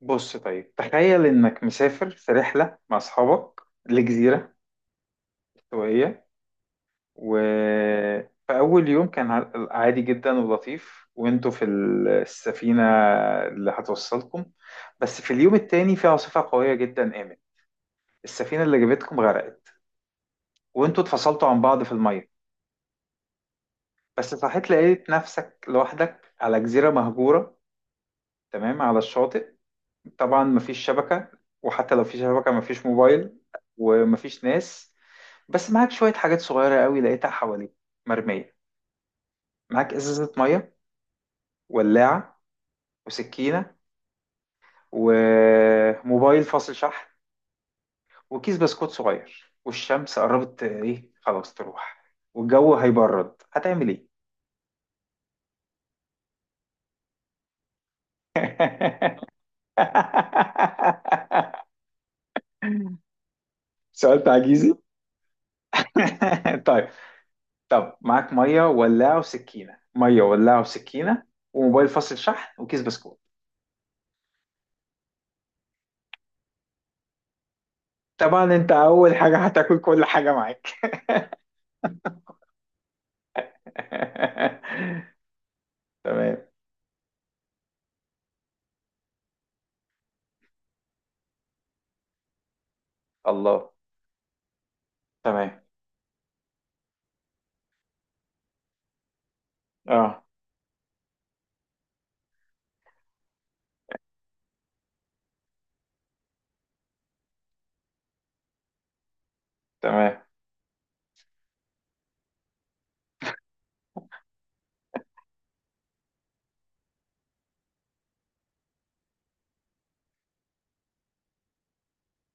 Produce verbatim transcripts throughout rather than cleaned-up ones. بص، طيب تخيل انك مسافر في رحلة مع اصحابك لجزيرة استوائية. وفي اول يوم كان ع- عادي جدا ولطيف وانتوا في السفينة اللي هتوصلكم. بس في اليوم التاني في عاصفة قوية جدا قامت. السفينة اللي جابتكم غرقت وانتوا اتفصلتوا عن بعض في المية. بس صحيت لقيت نفسك لوحدك على جزيرة مهجورة تمام على الشاطئ. طبعا مفيش شبكة، وحتى لو في شبكة مفيش موبايل، ومفيش ناس. بس معاك شوية حاجات صغيرة قوي لقيتها حواليك مرمية. معاك إزازة مية، ولاعة، وسكينة، وموبايل فاصل شحن، وكيس بسكوت صغير. والشمس قربت، إيه، خلاص تروح، والجو هيبرد. هتعمل إيه؟ سؤال تعجيزي. طيب. طب معاك مية، ولاعة، وسكينة، مية، ولاعة، وسكينة، وموبايل فاصل شحن، وكيس بسكوت. طبعا انت اول حاجة هتاكل كل حاجة معاك. تمام. الله. تمام. اه. تمام.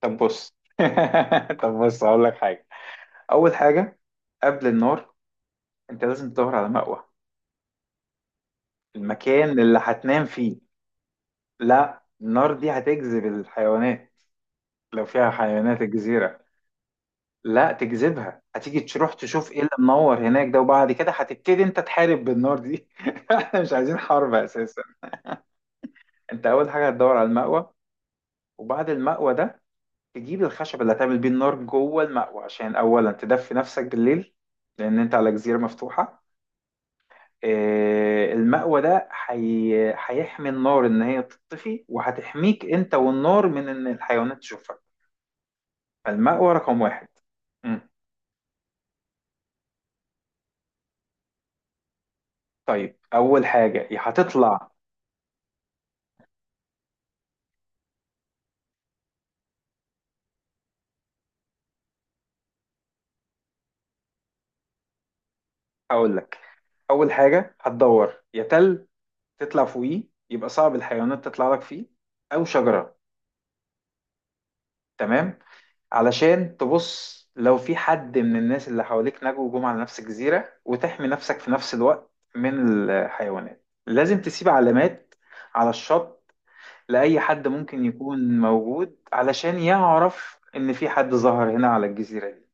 طب بص. طب بص، هقول لك حاجه. اول حاجه، قبل النار، انت لازم تدور على مأوى، المكان اللي هتنام فيه. لا، النار دي هتجذب الحيوانات، لو فيها حيوانات الجزيره. لا، تجذبها، هتيجي تروح تشوف ايه اللي منور هناك ده، وبعد كده هتبتدي انت تحارب بالنار دي. احنا مش عايزين حرب اساسا. انت اول حاجه هتدور على المأوى. وبعد المأوى ده، تجيب الخشب اللي هتعمل بيه النار جوه المأوى، عشان أولا تدفي نفسك بالليل، لأن أنت على جزيرة مفتوحة. آه، المأوى ده حي... هيحمي النار إن هي تطفي، وهتحميك أنت والنار من إن الحيوانات تشوفك. فالمأوى رقم واحد. مم. طيب، أول حاجة يا هتطلع، أقول لك، أول حاجة هتدور يا تل تطلع فوقيه، يبقى صعب الحيوانات تطلع لك فيه، أو شجرة. تمام. علشان تبص لو في حد من الناس اللي حواليك نجوا وجم على نفس الجزيرة، وتحمي نفسك في نفس الوقت من الحيوانات، لازم تسيب علامات على الشط لأي حد ممكن يكون موجود، علشان يعرف إن في حد ظهر هنا على الجزيرة دي.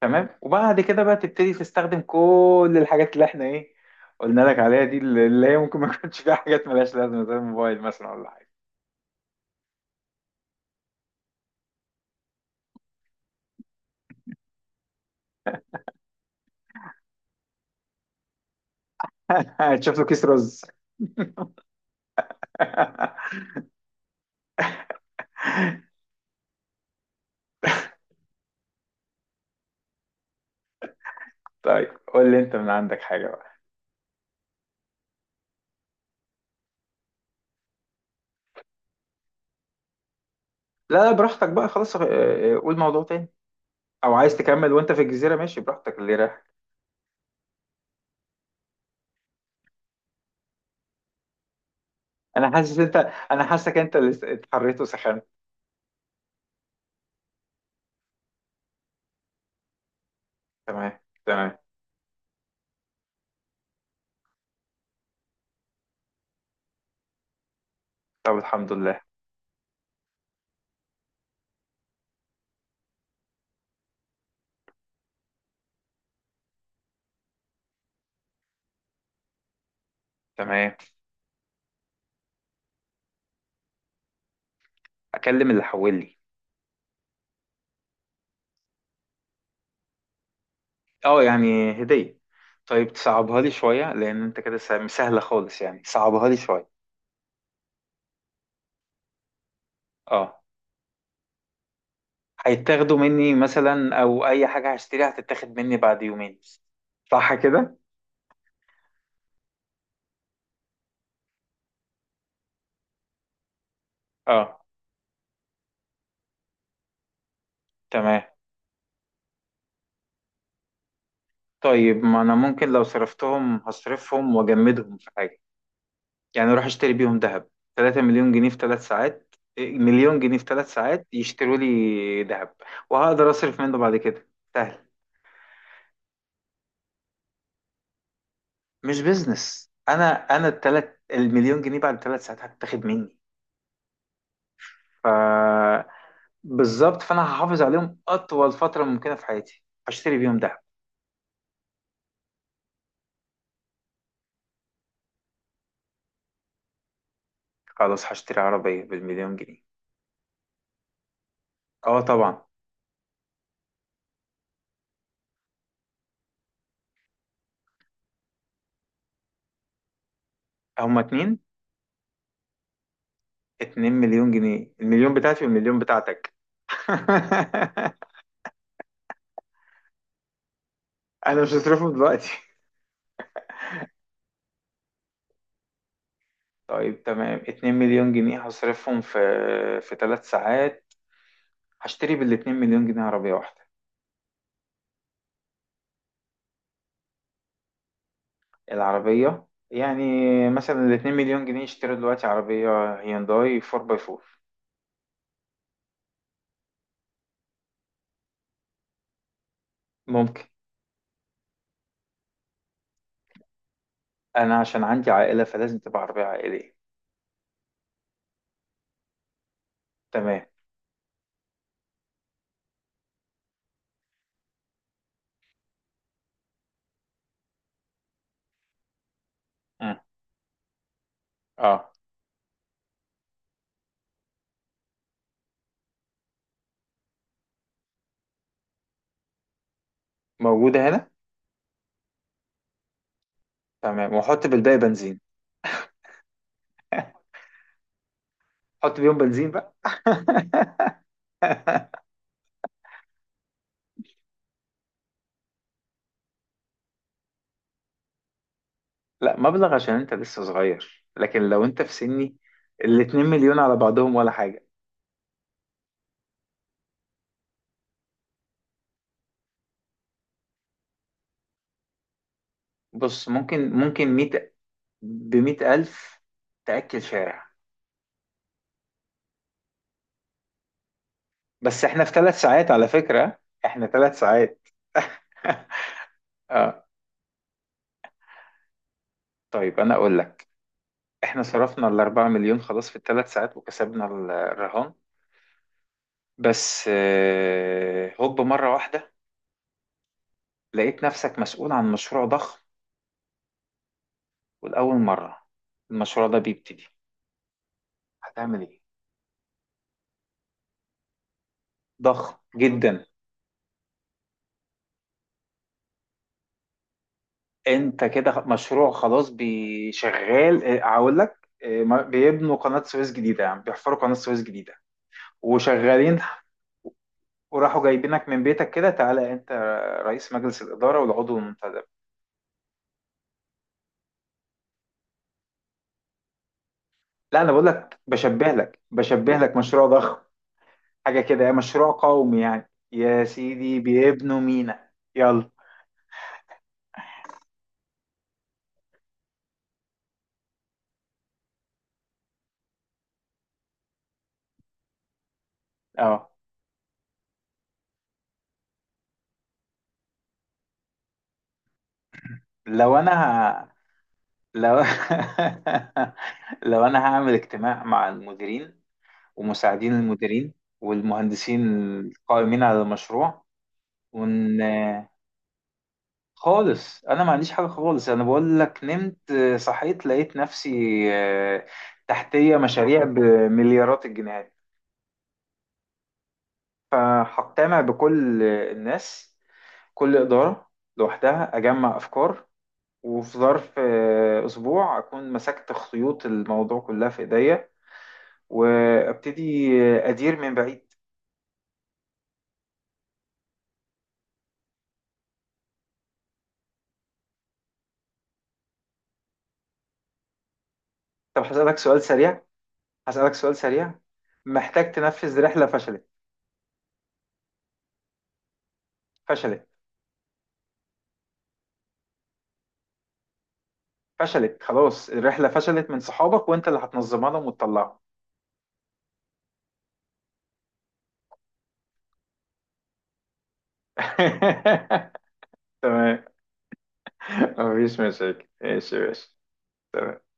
تمام. وبعد كده بقى تبتدي تستخدم كل الحاجات اللي احنا، ايه، قلنا لك عليها، دي اللي هي ممكن ما يكونش فيها حاجات ملهاش لازمة، زي الموبايل مثلا ولا حاجة. تشوف له كيس رز. طيب، قول لي انت من عندك حاجة بقى. لا، لا، براحتك بقى خلاص. آه، آه، قول موضوع تاني، او عايز تكمل وانت في الجزيرة. ماشي، براحتك اللي رايح. انا حاسس انت انا حاسك انت اللي اتحريت وسخنت. تمام. تمام. طب، الحمد لله. تمام. اكلم اللي حولي. اه، يعني هدية. طيب، تصعبها لي شوية، لان انت كده سا- سهلة خالص يعني. صعبها لي شوية. اه، هيتاخدوا مني مثلا، او اي حاجة هشتريها هتتاخد مني بعد يومين. صح كده. اه. تمام. طيب، ما انا ممكن لو صرفتهم هصرفهم واجمدهم في حاجة. يعني اروح اشتري بيهم ذهب. ثلاثة مليون جنيه في ثلاث ساعات، إيه، مليون جنيه في ثلاث ساعات يشتروا لي ذهب، وهقدر اصرف منه بعد كده. سهل. مش بيزنس. انا انا التلات المليون جنيه بعد ثلاث ساعات هتتاخد مني. ف بالظبط. فانا هحافظ عليهم اطول فتره ممكنه في حياتي، هشتري بيهم دهب. خلاص، هشتري عربيه بالمليون جنيه. اه، طبعا. هما اتنين. اتنين مليون جنيه، المليون بتاعتي والمليون بتاعتك. انا مش هصرفهم دلوقتي. طيب، تمام، اتنين مليون جنيه هصرفهم في في تلات ساعات. هشتري بال اتنين مليون جنيه عربية واحدة. العربية. يعني مثلا ال مليونين مليون جنيه يشتروا دلوقتي عربية هيونداي اربعة باي اربعة. ممكن. أنا عشان عندي عائلة فلازم تبقى عربية عائلية. تمام. مم. اه، موجودة هنا. تمام، وأحط بالباقي بنزين. حط بيهم بنزين بقى. لا، مبلغ، عشان أنت لسه صغير، لكن لو أنت في سني الاتنين مليون على بعضهم ولا حاجة. بص، ممكن ممكن ميت بمية ألف تأكل شارع. بس احنا في ثلاث ساعات على فكرة. احنا ثلاث ساعات. اه، طيب، انا اقول لك. احنا صرفنا الاربعة مليون خلاص في الثلاث ساعات، وكسبنا ال- الرهان. بس آه، هوب، مرة واحدة لقيت نفسك مسؤول عن مشروع ضخم، والأول مرة المشروع ده بيبتدي. هتعمل ايه؟ ضخم جدا. انت كده خ- مشروع خلاص بيشغال. اه، هقول لك، اه، ما- بيبنوا قناة سويس جديدة، يعني بيحفروا قناة سويس جديدة وشغالين. وراحوا جايبينك من بيتك كده، تعالى انت رئيس مجلس الإدارة والعضو المنتدب. لا، انا بقول لك، بشبه لك بشبه لك مشروع ضخم، حاجة كده مشروع قومي يعني، يا سيدي، بيبنوا مينا. يلا. اه، لو انا ه... لو لو انا هعمل اجتماع مع المديرين ومساعدين المديرين والمهندسين القائمين على المشروع. ون خالص انا ما عنديش حاجه خالص. انا بقول لك، نمت صحيت لقيت نفسي، آه، تحتيه مشاريع بمليارات الجنيهات. فهقتنع بكل الناس، كل اداره لوحدها، اجمع افكار. وفي ظرف آه، اسبوع اكون مسكت خيوط الموضوع كلها في ايديا، وابتدي آه، ادير من بعيد. طب، هسألك سؤال سريع. هسألك سؤال سريع محتاج تنفذ رحلة فشلت، فشلت، فشلت. خلاص الرحلة فشلت من صحابك وانت اللي هتنظمها لهم وتطلعهم. تمام، مفيش مشاكل. ماشي. ماشي. تمام.